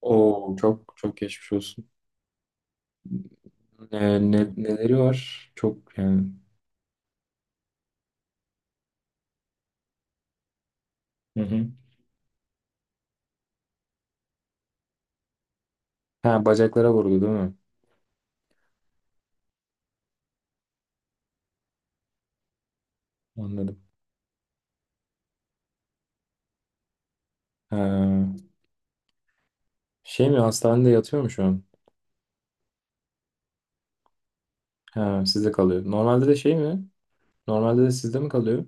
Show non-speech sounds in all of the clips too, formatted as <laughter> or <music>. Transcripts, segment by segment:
Oo, çok çok geçmiş olsun. Neleri var? Çok yani. Hı hı. Ha, bacaklara vurdu değil mi? Anladım. Ha, şey mi hastanede yatıyor mu şu an? Ha, sizde kalıyor. Normalde de şey mi? Normalde de sizde mi kalıyor?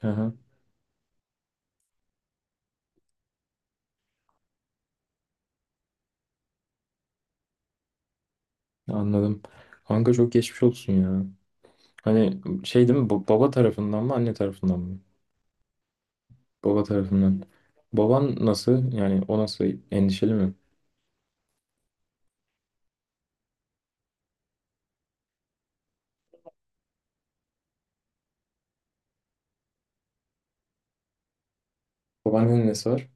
Hı hı. Anladım. Kanka, çok geçmiş olsun ya. Hani şey değil mi? Baba tarafından mı, anne tarafından mı? Baba tarafından. Baban nasıl? Yani o nasıl? Endişeli mi? Babaannenin nesi var?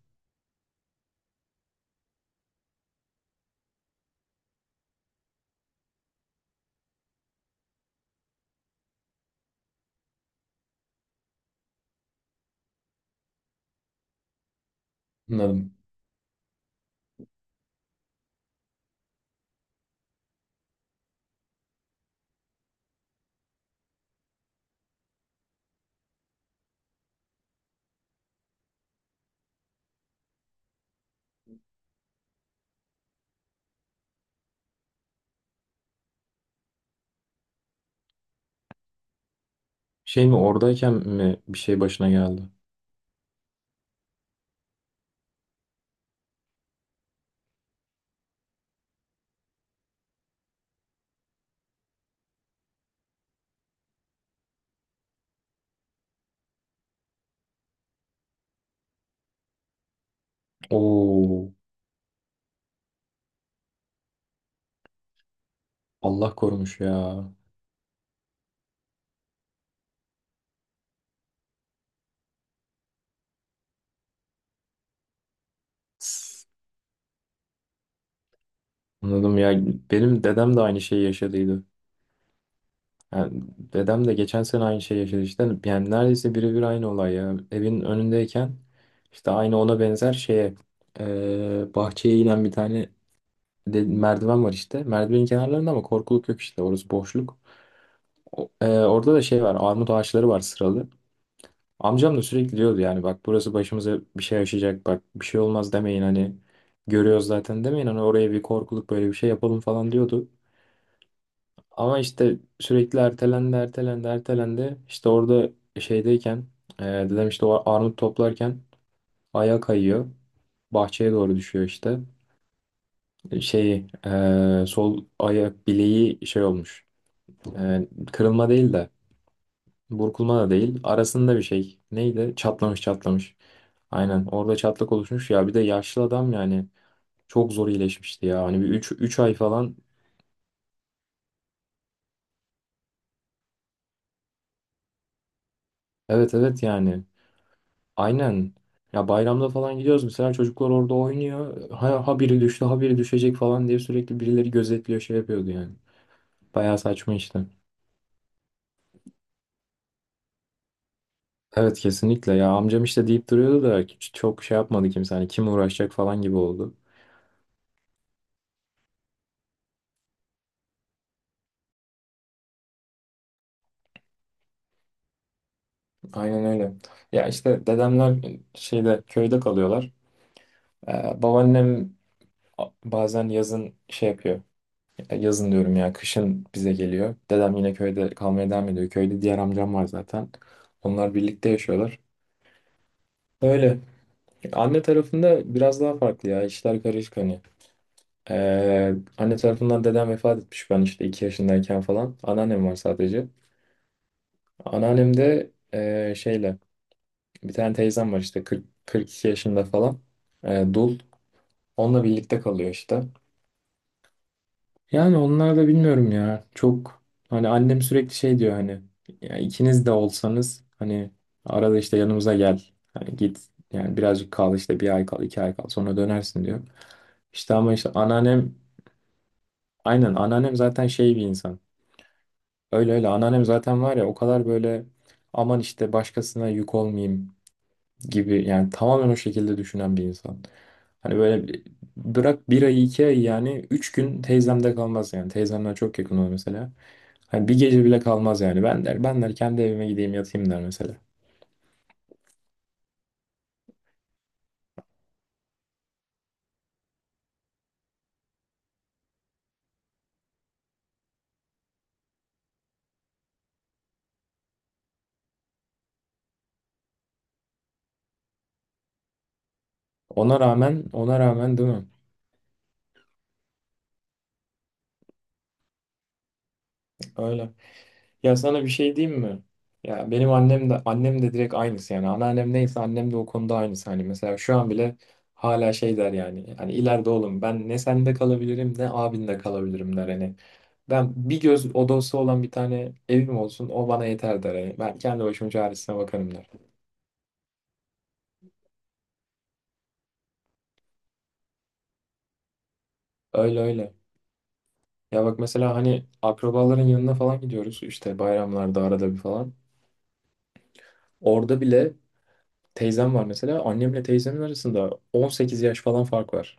Anladım. Şey mi, oradayken mi bir şey başına geldi? Oo, Allah korumuş ya. S- Anladım ya. Benim dedem de aynı şeyi yaşadıydı. Yani dedem de geçen sene aynı şeyi yaşadı işte. Yani neredeyse birebir aynı olay ya. Evin önündeyken işte aynı ona benzer şeye, bahçeye inen bir tane merdiven var işte. Merdivenin kenarlarında ama korkuluk yok işte. Orası boşluk. Orada da şey var. Armut ağaçları var sıralı. Amcam da sürekli diyordu yani, bak burası başımıza bir şey yaşayacak, bak bir şey olmaz demeyin hani, görüyoruz zaten, demeyin hani, oraya bir korkuluk böyle bir şey yapalım falan diyordu. Ama işte sürekli ertelendi, ertelendi, ertelendi. İşte orada şeydeyken, dedem işte o armut toplarken ayağı kayıyor, bahçeye doğru düşüyor işte. Sol ayak bileği şey olmuş. Kırılma değil de. Burkulma da değil. Arasında bir şey. Neydi? Çatlamış. Aynen. Orada çatlak oluşmuş ya. Bir de yaşlı adam yani. Çok zor iyileşmişti ya. Hani bir 3 3 ay falan. Evet, evet yani. Aynen. Ya bayramda falan gidiyoruz. Mesela çocuklar orada oynuyor. Ha, ha biri düştü, ha biri düşecek falan diye sürekli birileri gözetliyor, şey yapıyordu yani. Bayağı saçma işte. Evet, kesinlikle ya. Amcam işte deyip duruyordu da hiç çok şey yapmadı kimse. Hani kim uğraşacak falan gibi oldu. Aynen öyle. Ya işte dedemler şeyde, köyde kalıyorlar. Babaannem bazen yazın şey yapıyor. Yazın diyorum ya, kışın bize geliyor. Dedem yine köyde kalmaya devam ediyor. Köyde diğer amcam var zaten. Onlar birlikte yaşıyorlar. Öyle. Anne tarafında biraz daha farklı ya. İşler karışık hani. Anne tarafından dedem vefat etmiş ben işte 2 yaşındayken falan. Anneannem var sadece. Anneannem de şeyle bir tane teyzem var işte, 40, 42 yaşında falan. E, dul. Onunla birlikte kalıyor işte. Yani onlar da bilmiyorum ya. Çok, hani annem sürekli şey diyor hani, ya ikiniz de olsanız hani arada işte yanımıza gel. Hani git yani, birazcık kal işte, bir ay kal, iki ay kal, sonra dönersin diyor. İşte ama işte anneannem, aynen anneannem zaten şey bir insan. Öyle öyle, anneannem zaten var ya o kadar böyle, aman işte başkasına yük olmayayım gibi yani, tamamen o şekilde düşünen bir insan. Hani böyle bırak bir ay iki ay, yani üç gün teyzemde kalmaz yani. Teyzemden çok yakın olur mesela. Hani bir gece bile kalmaz yani. Ben der, ben der kendi evime gideyim yatayım der mesela. Ona rağmen, ona rağmen değil mi? Öyle. Ya sana bir şey diyeyim mi? Ya benim annem de, annem de direkt aynısı yani. Anneannem neyse, annem de o konuda aynısı. Hani mesela şu an bile hala şey der yani. Hani ileride oğlum ben ne sende kalabilirim, ne abinde kalabilirim der. Hani ben bir göz odası olan bir tane evim olsun, o bana yeter der. Yani ben kendi başımın çaresine bakarım der. Öyle öyle. Ya bak mesela, hani akrabaların yanına falan gidiyoruz işte, bayramlarda arada bir falan. Orada bile teyzem var mesela, annemle teyzemin arasında 18 yaş falan fark var.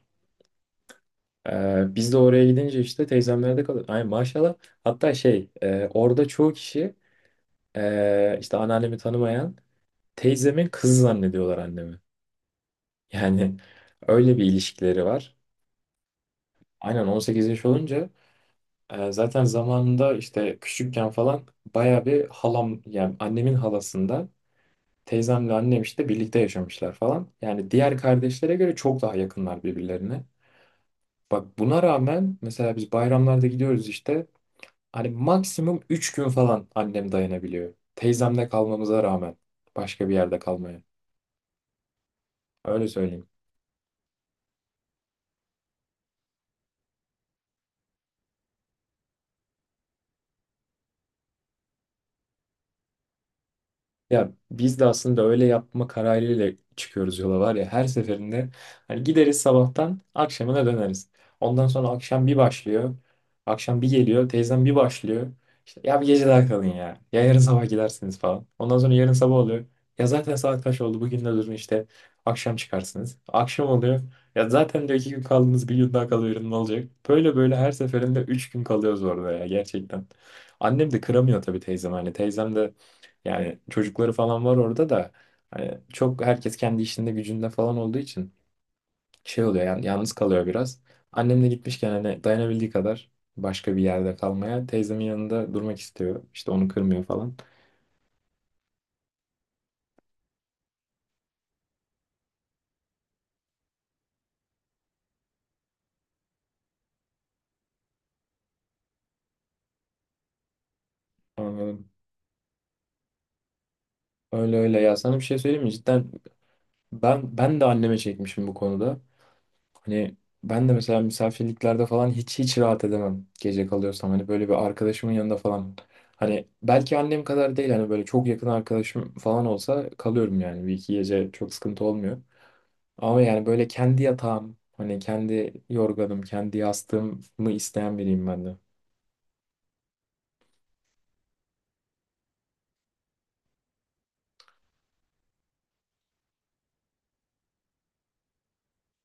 Biz de oraya gidince işte teyzemlerde kalıyoruz. Ay maşallah, hatta şey, orada çoğu kişi, işte anneannemi tanımayan teyzemin kızı zannediyorlar annemi. Yani öyle bir ilişkileri var. Aynen, 18 yaş olunca, zaten zamanında işte küçükken falan, baya bir halam, yani annemin halasında teyzemle annem işte birlikte yaşamışlar falan. Yani diğer kardeşlere göre çok daha yakınlar birbirlerine. Bak buna rağmen mesela biz bayramlarda gidiyoruz işte, hani maksimum 3 gün falan annem dayanabiliyor. Teyzemle kalmamıza rağmen, başka bir yerde kalmaya. Öyle söyleyeyim. Ya biz de aslında öyle yapma kararıyla çıkıyoruz yola var ya, her seferinde hani gideriz sabahtan akşamına döneriz. Ondan sonra akşam bir başlıyor. Akşam bir geliyor. Teyzem bir başlıyor. İşte, ya bir gece daha kalın ya. Ya yarın sabah gidersiniz falan. Ondan sonra yarın sabah oluyor. Ya zaten saat kaç oldu bugün, de durun işte akşam çıkarsınız. Akşam oluyor. Ya zaten diyor iki gün kaldınız, bir gün daha kalıverin ne olacak. Böyle böyle her seferinde üç gün kalıyoruz orada ya, gerçekten. Annem de kıramıyor tabii teyzem, hani teyzem de yani çocukları falan var orada da, hani çok herkes kendi işinde gücünde falan olduğu için şey oluyor yani, yalnız kalıyor biraz. Annem de gitmişken hani dayanabildiği kadar başka bir yerde kalmaya, teyzemin yanında durmak istiyor. İşte onu kırmıyor falan. Anladım. Öyle öyle ya. Sana bir şey söyleyeyim mi? Cidden ben de anneme çekmişim bu konuda. Hani ben de mesela misafirliklerde falan hiç hiç rahat edemem gece kalıyorsam. Hani böyle bir arkadaşımın yanında falan. Hani belki annem kadar değil, hani böyle çok yakın arkadaşım falan olsa kalıyorum yani. Bir iki gece çok sıkıntı olmuyor. Ama yani böyle kendi yatağım, hani kendi yorganım, kendi yastığımı isteyen biriyim ben de.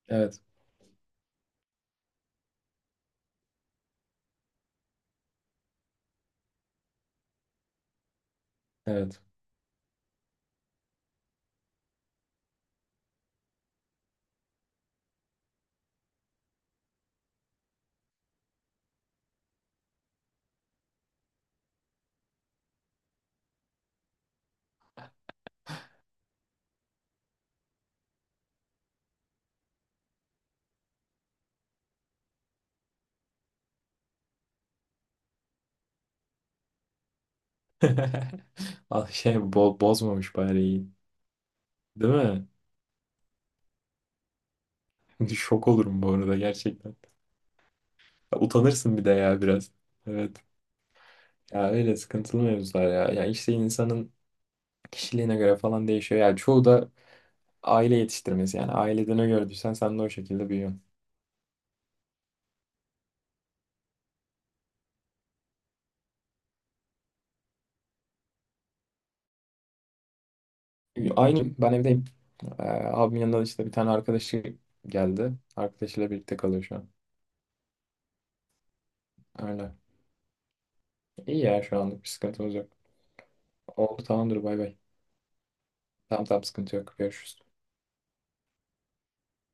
Evet, evet. <laughs> Al şey, bozmamış bari, iyi. Değil mi? <laughs> Şok olurum bu arada, gerçekten. Utanırsın bir de ya biraz. Evet. Ya öyle sıkıntılı mevzular ya. Ya işte insanın kişiliğine göre falan değişiyor. Ya çoğu da aile yetiştirmesi, yani ailede ne gördüysen sen de o şekilde büyüyorsun. Aynı, ben evdeyim. Abimin yanında işte bir tane arkadaşı geldi. Arkadaşıyla birlikte kalıyor şu an. Öyle. İyi ya, şu anlık bir sıkıntımız yok. Oldu, tamamdır, bay bay. Tamam tamam, sıkıntı yok. Görüşürüz.